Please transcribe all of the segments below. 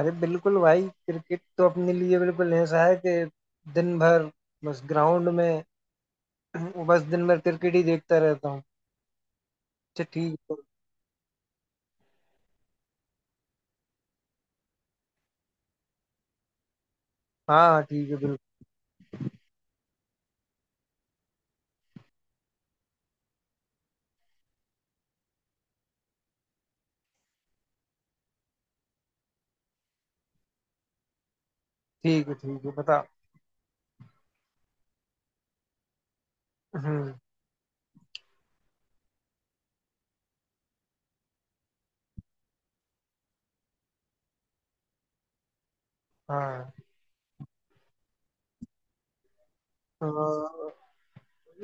अरे बिल्कुल भाई, क्रिकेट तो अपने लिए बिल्कुल ऐसा है कि दिन भर बस ग्राउंड में। बस दिन भर क्रिकेट ही देखता रहता हूँ। अच्छा, ठीक है। हाँ हाँ, ठीक है, बिल्कुल। ठीक है, ठीक है, बता। हम्म। हाँ। अ,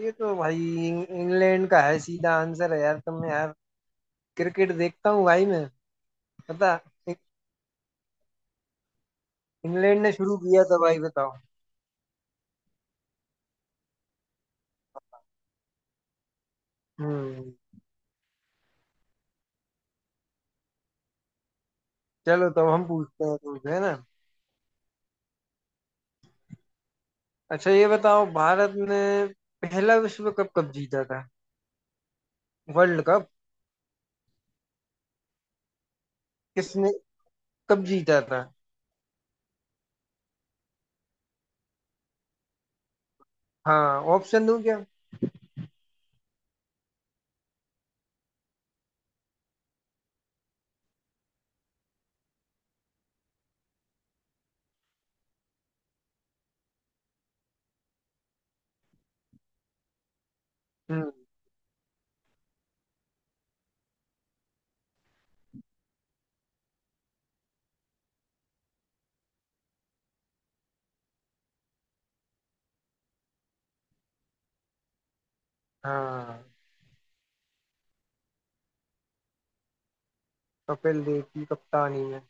ये तो भाई इंग्लैंड का है, सीधा आंसर है यार। तुम यार, क्रिकेट देखता हूँ भाई मैं। पता इं- इंग्लैंड ने शुरू किया था भाई, बताओ। हम्म। चलो तब हम पूछते हैं तुमसे, है ना। अच्छा ये बताओ, भारत ने पहला विश्व कप कब जीता था? वर्ल्ड कप किसने कब जीता था? हाँ, ऑप्शन दूं क्या? हम्म। हाँ, कपिल देव की कप्तानी में।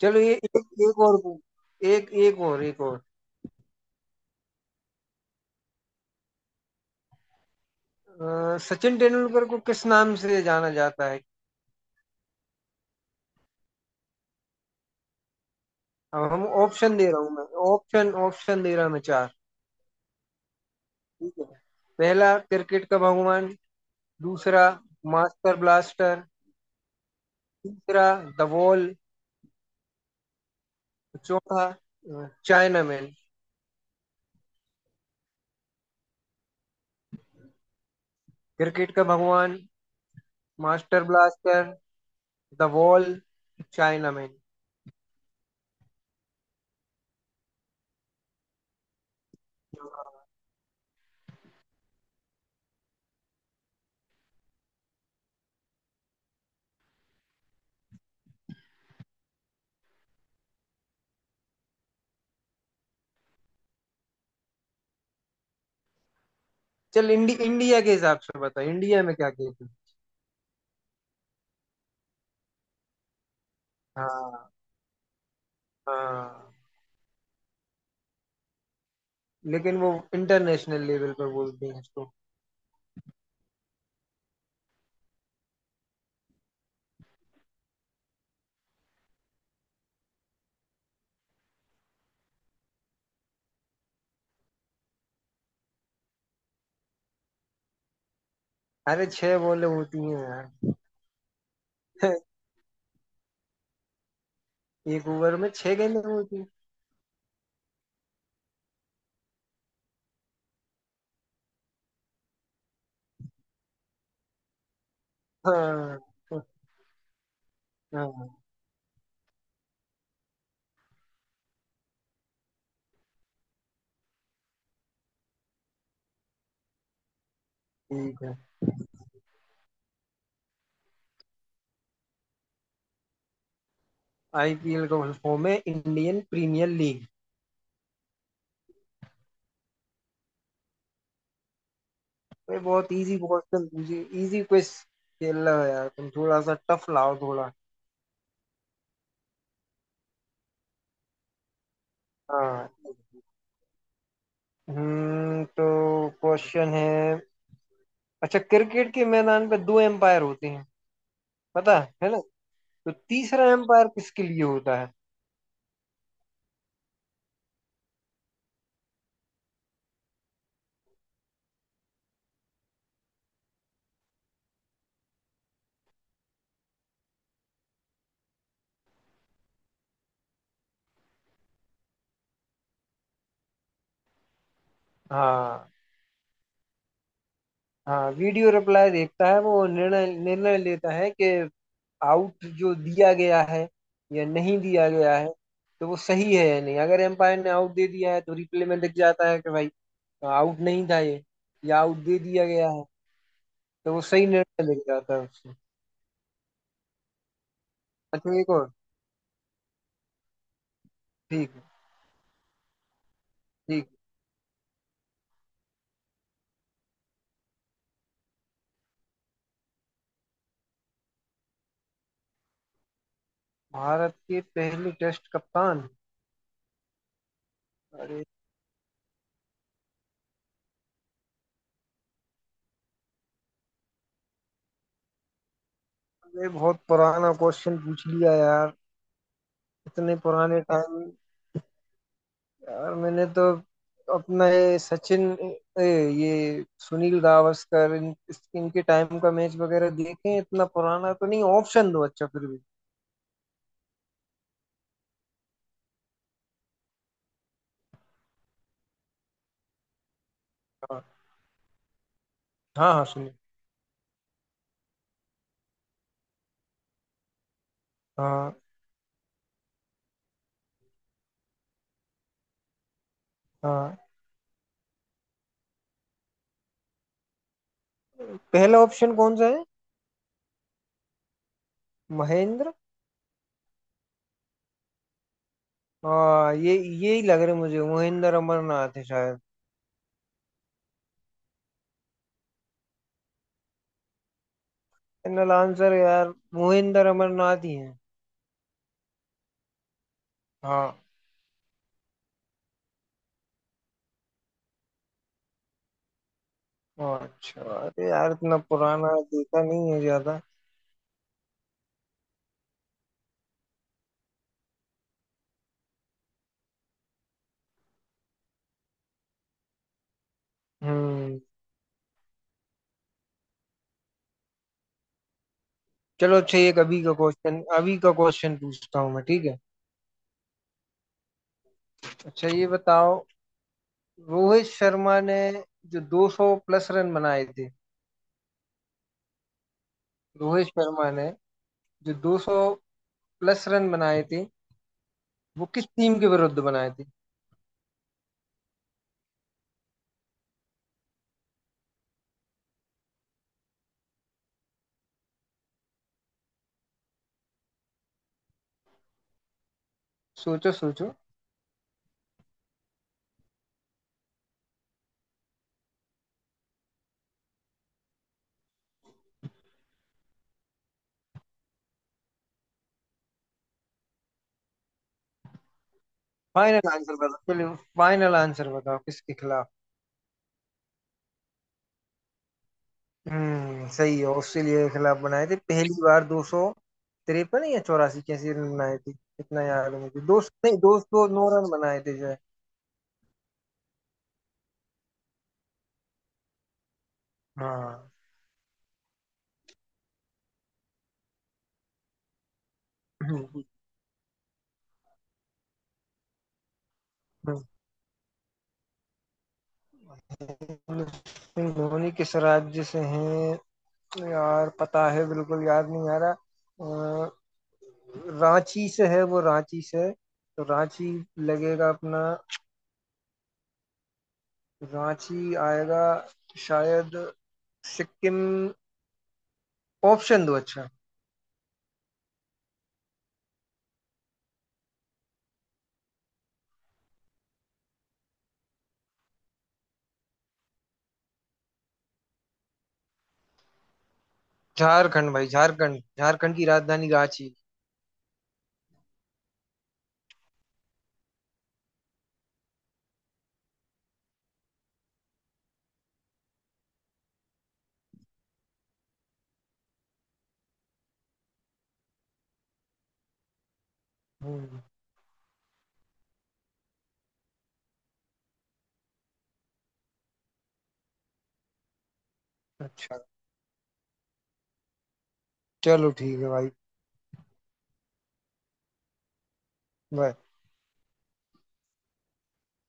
चलो ये एक एक और, एक और। सचिन तेंदुलकर को किस नाम से जाना जाता है? अब हम ऑप्शन दे रहा हूँ मैं, ऑप्शन ऑप्शन दे रहा हूँ मैं चार। ठीक है। पहला, क्रिकेट का भगवान। दूसरा, मास्टर ब्लास्टर। तीसरा, द वॉल। चौथा चाइनामैन। क्रिकेट का भगवान, master blaster, the wall, chinaman. चल इंडिया के हिसाब से बता, इंडिया में क्या कहते हैं? हाँ। हाँ, लेकिन वो इंटरनेशनल लेवल पर बोलते हैं इसको। अरे छह बॉलें होती हैं यार। एक ओवर में छह गेंदें होती हैं। हाँ। हाँ, ठीक है। आईपीएल का फॉर्म है इंडियन प्रीमियर लीग। भाई बहुत इजी क्वेश्चन पूछे, इजी क्विज खेल रहे हो यार तुम। थोड़ा सा टफ लाओ थोड़ा। हाँ। हम्म। तो क्वेश्चन है। अच्छा, क्रिकेट के मैदान पे दो एम्पायर होते हैं, पता है ना? तो तीसरा एम्पायर किसके लिए होता है? हाँ। हाँ, वीडियो रिप्लाई देखता है वो, निर्णय निर्णय लेता है कि आउट जो दिया गया है या नहीं दिया गया है, तो वो सही है या नहीं। अगर एम्पायर ने आउट दे दिया है तो रिप्ले में दिख जाता है कि भाई, आउट नहीं था ये, या आउट दे दिया गया है। तो वो सही निर्णय दिख जाता है उससे। अच्छा, एक और। ठीक है, ठीक है। भारत के पहले टेस्ट कप्तान। अरे ये बहुत पुराना क्वेश्चन पूछ लिया यार। इतने पुराने टाइम। यार मैंने तो अपना ये सचिन, ए, ये सुनील गावस्कर इनके टाइम का मैच वगैरह देखे हैं। इतना पुराना तो नहीं, ऑप्शन दो अच्छा फिर भी। हाँ हाँ हाँ, सुनील। हाँ। हाँ, पहला ऑप्शन कौन सा है? महेंद्र। हाँ, ये ही लग रहे मुझे, मोहिंदर अमरनाथ है शायद। फाइनल आंसर यार मोहिंदर अमरनाथ ही है। हाँ। हाँ, अच्छा, अरे यार इतना पुराना देखा नहीं है ज्यादा। हम्म। चलो, अच्छा ये अभी का क्वेश्चन, अभी का क्वेश्चन पूछता हूँ मैं, ठीक है। अच्छा ये बताओ, रोहित शर्मा ने जो 200 प्लस रन बनाए थे, रोहित शर्मा ने जो 200 प्लस रन बनाए थे, वो किस टीम के विरुद्ध बनाए थे? सोचो सोचो। फाइनल आंसर बताओ चलो, फाइनल आंसर बताओ, किसके खिलाफ? हम्म, सही है, ऑस्ट्रेलिया के खिलाफ बनाए थे पहली बार 253 या चौरासी, कैसे रन बनाए थे? इतना याद है मुझे 200 नहीं, 209 रन बनाए थे जो है। हाँ। महेंद्र सिंह धोनी किस राज्य से हैं? यार पता है, बिल्कुल याद नहीं आ रहा। रांची से है वो, रांची से। तो रांची लगेगा अपना, रांची आएगा शायद। सिक्किम? ऑप्शन दो अच्छा। झारखंड भाई, झारखंड, झारखंड की राजधानी रांची। हम्म। अच्छा चलो, ठीक है भाई, बाय।